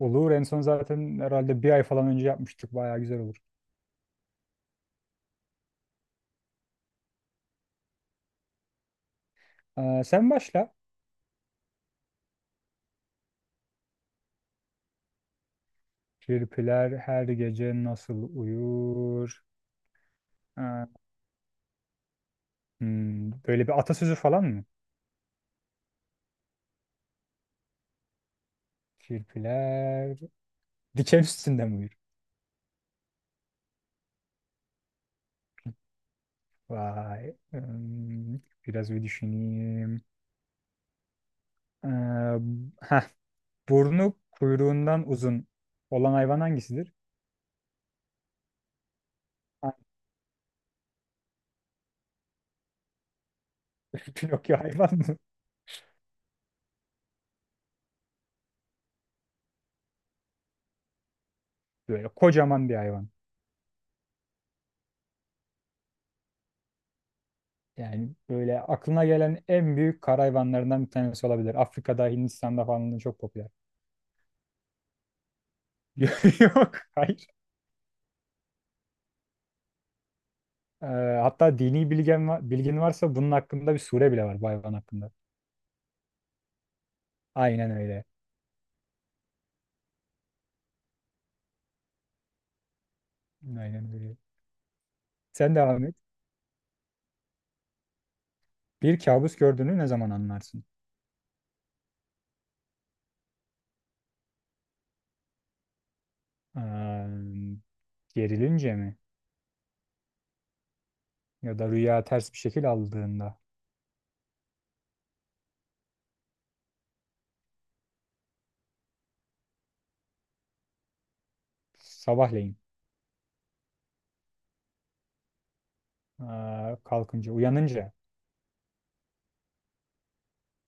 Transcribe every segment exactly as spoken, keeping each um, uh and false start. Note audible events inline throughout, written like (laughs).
Olur. En son zaten herhalde bir ay falan önce yapmıştık. Bayağı güzel olur. Ee, sen başla. Kirpiler her gece nasıl uyur? Ee, hmm, Böyle bir atasözü falan mı? Kirpiler diken üstünde mi uyur? Vay. Hmm, biraz bir düşüneyim. Ee, heh, Burnu kuyruğundan uzun olan hayvan hangisidir? (laughs) Pinokyo hayvan mı? Böyle kocaman bir hayvan. Yani böyle aklına gelen en büyük kara hayvanlarından bir tanesi olabilir. Afrika'da, Hindistan'da falan da çok popüler. (laughs) Yok, hayır. Ee, Hatta dini bilgen va- bilgin varsa bunun hakkında bir sure bile var bu hayvan hakkında. Aynen öyle. Aynen öyle. Sen devam et. Bir kabus gördüğünü ne zaman anlarsın? Ee, Gerilince mi? Ya da rüya ters bir şekil aldığında. Sabahleyin. Ee, kalkınca, uyanınca.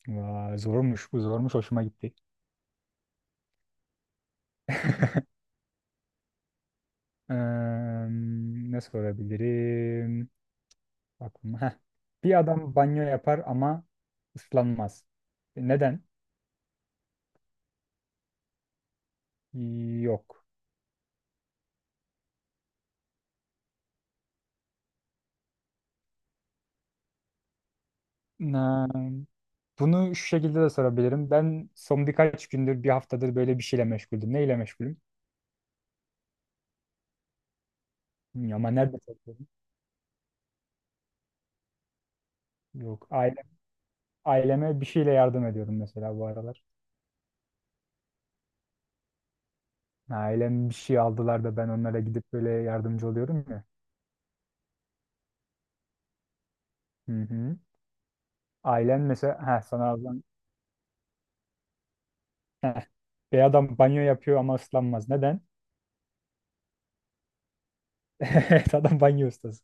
Vay, zormuş, bu zormuş, hoşuma gitti. (laughs) Em, ne sorabilirim? Aklıma. Heh. Bir adam banyo yapar ama ıslanmaz. Neden? Yok. Na- Bunu şu şekilde de sorabilirim. Ben son birkaç gündür, bir haftadır böyle bir şeyle meşguldüm. Neyle meşgulüm? Bilmiyorum ama nerede çalışıyorum? Yok. Aile, aileme bir şeyle yardım ediyorum mesela bu aralar. Ailem bir şey aldılar da ben onlara gidip böyle yardımcı oluyorum ya. Hı hı. Ailen mesela, ha sana ablan, Heh. Bir adam banyo yapıyor ama ıslanmaz. Neden? (laughs) Evet, adam banyo ustası.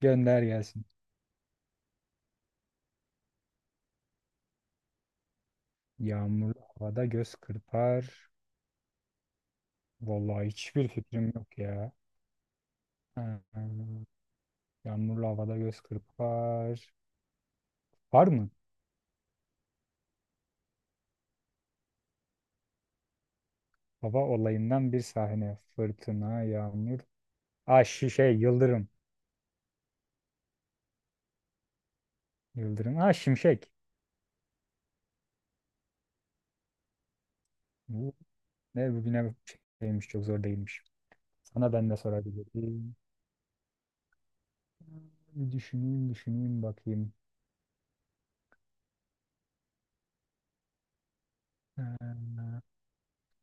Gönder gelsin. Yağmurlu havada göz kırpar. Vallahi hiçbir fikrim yok ya. Ha, yağmurlu havada göz kırpar. Var mı? Hava olayından bir sahne. Fırtına, yağmur. Ah, şi- şey, yıldırım. Yıldırım. Ah, şimşek. Bu ne, bugüne şeymiş, çok zor değilmiş. Sana ben de sorabilirim. Bir düşüneyim düşüneyim bakayım. Ha.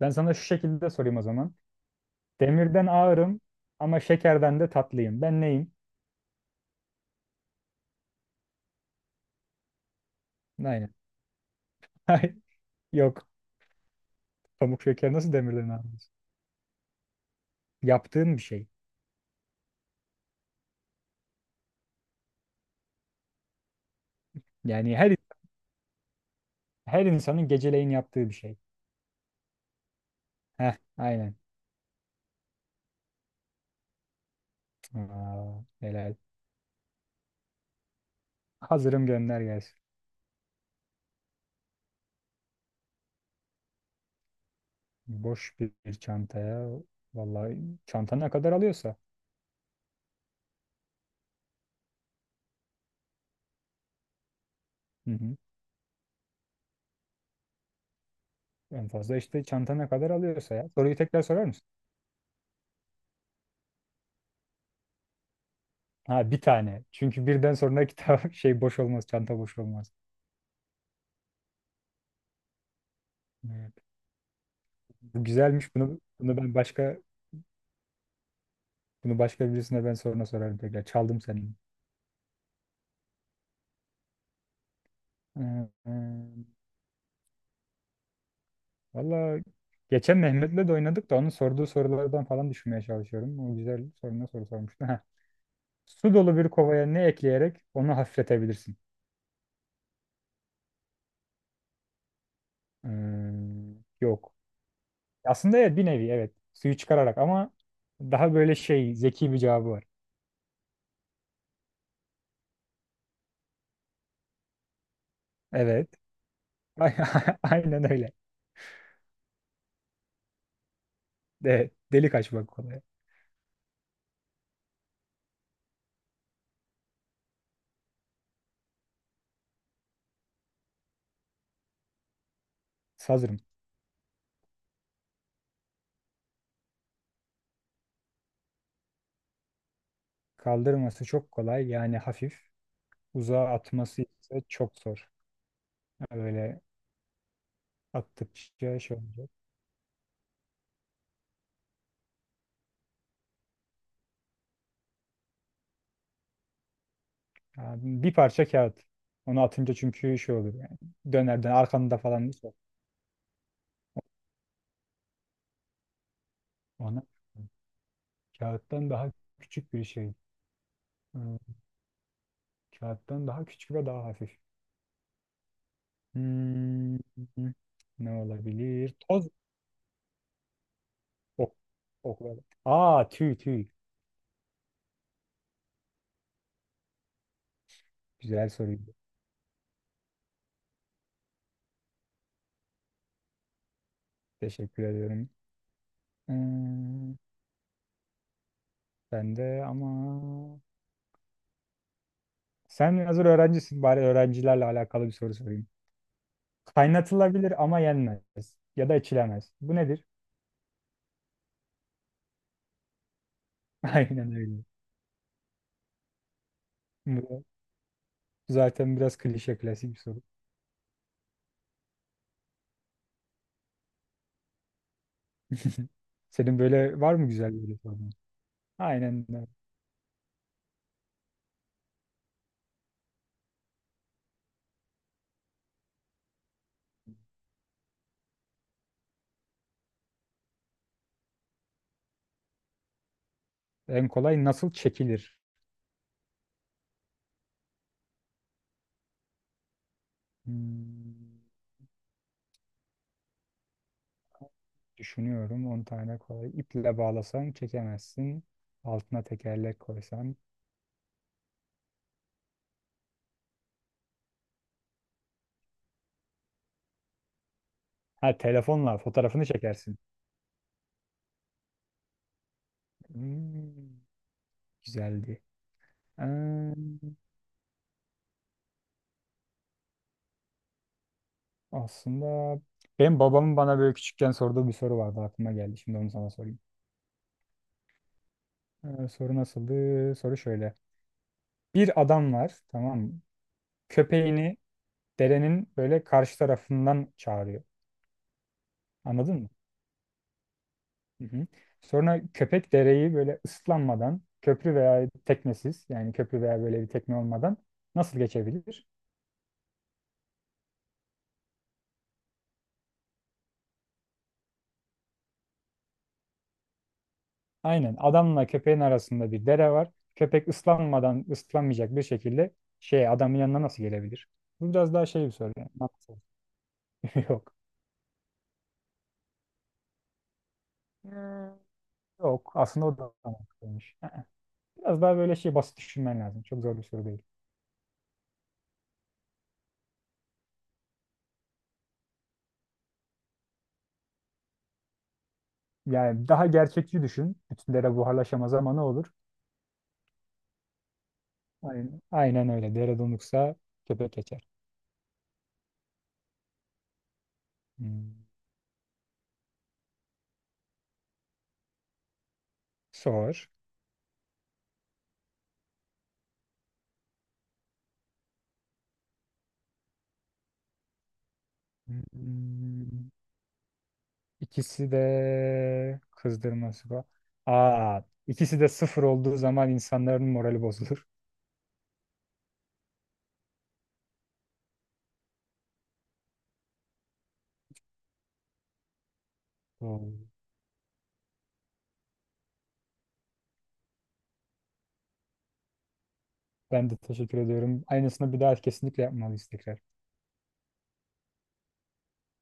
Ben sana şu şekilde sorayım o zaman. Demirden ağırım ama şekerden de tatlıyım. Ben neyim? Aynen. (laughs) Ay, Yok. Pamuk şeker nasıl demirden ağır olur? Yaptığın bir şey. Yani her her insanın geceleyin yaptığı bir şey. Heh, aynen. Aa, helal. Hazırım, gönder gelsin. Boş bir, bir çantaya, vallahi, çanta ne kadar alıyorsa. Hı hı. En fazla işte çanta ne kadar alıyorsa ya. Soruyu tekrar sorar mısın? Ha, bir tane. Çünkü birden sonra kitap (laughs) şey boş olmaz, çanta boş olmaz. Evet. Bu güzelmiş. Bunu bunu ben başka bunu başka birisine ben sonra sorarım tekrar. Çaldım senin. Ee, e, Valla geçen Mehmet'le de oynadık da onun sorduğu sorulardan falan düşünmeye çalışıyorum. O güzel soruna soru sormuştu. Heh. Su dolu bir kovaya ne ekleyerek onu hafifletebilirsin? Ee, Yok. Aslında evet, bir nevi evet. Suyu çıkararak, ama daha böyle şey zeki bir cevabı var. Evet. (laughs) Aynen öyle. De, delik açmak kolay. Sazırım. Kaldırması çok kolay, yani hafif. Uzağa atması ise çok zor. Öyle attıkça şey olacak. Yani bir parça kağıt. Onu atınca çünkü şey olur yani. Döner döner arkanda falan. Ona kağıttan daha küçük bir şey. Hmm, Kağıttan daha küçük ve daha hafif. Hmm, Ne olabilir? Toz. Ok. Ok. Aa, tüy tüy. Güzel soruydu. Teşekkür ediyorum. Hmm, Ben de, ama sen hazır öğrencisin, bari öğrencilerle alakalı bir soru sorayım. Kaynatılabilir ama yenmez. Ya da içilemez. Bu nedir? (laughs) Aynen öyle. Bu zaten biraz klişe, klasik bir soru. (laughs) Senin böyle var mı güzel böyle sorun? Aynen öyle. En kolay nasıl çekilir? Hmm, Düşünüyorum. On tane kolay. İple bağlasan çekemezsin. Altına tekerlek koysan. Ha, telefonla fotoğrafını çekersin. Hmm, Güzeldi. Ee, Aslında benim babamın bana böyle küçükken sorduğu bir soru vardı, aklıma geldi. Şimdi onu sana sorayım. Ee, soru nasıldı? Soru şöyle. Bir adam var, tamam mı? Köpeğini derenin böyle karşı tarafından çağırıyor. Anladın mı? Hı hı. Sonra köpek dereyi böyle ıslanmadan, köprü veya teknesiz, yani köprü veya böyle bir tekne olmadan nasıl geçebilir? Aynen. Adamla köpeğin arasında bir dere var. Köpek ıslanmadan, ıslanmayacak bir şekilde şey adamın yanına nasıl gelebilir? Bu biraz daha şey bir soru, yani. Mantıksal. (laughs) Yok. Hmm. Yok. Aslında o da mantıklıymış. Biraz daha böyle şey basit düşünmen lazım. Çok zor bir soru değil. Yani daha gerçekçi düşün. Bütün dere buharlaşamaz ama ne olur? Aynen, aynen öyle. Dere donuksa köpek geçer. Hmm. Sor. Hmm. İkisi de kızdırması var. Aa, ikisi de sıfır olduğu zaman insanların morali bozulur. Oo. Ben de teşekkür ediyorum. Aynısını bir daha kesinlikle yapmalıyız tekrar.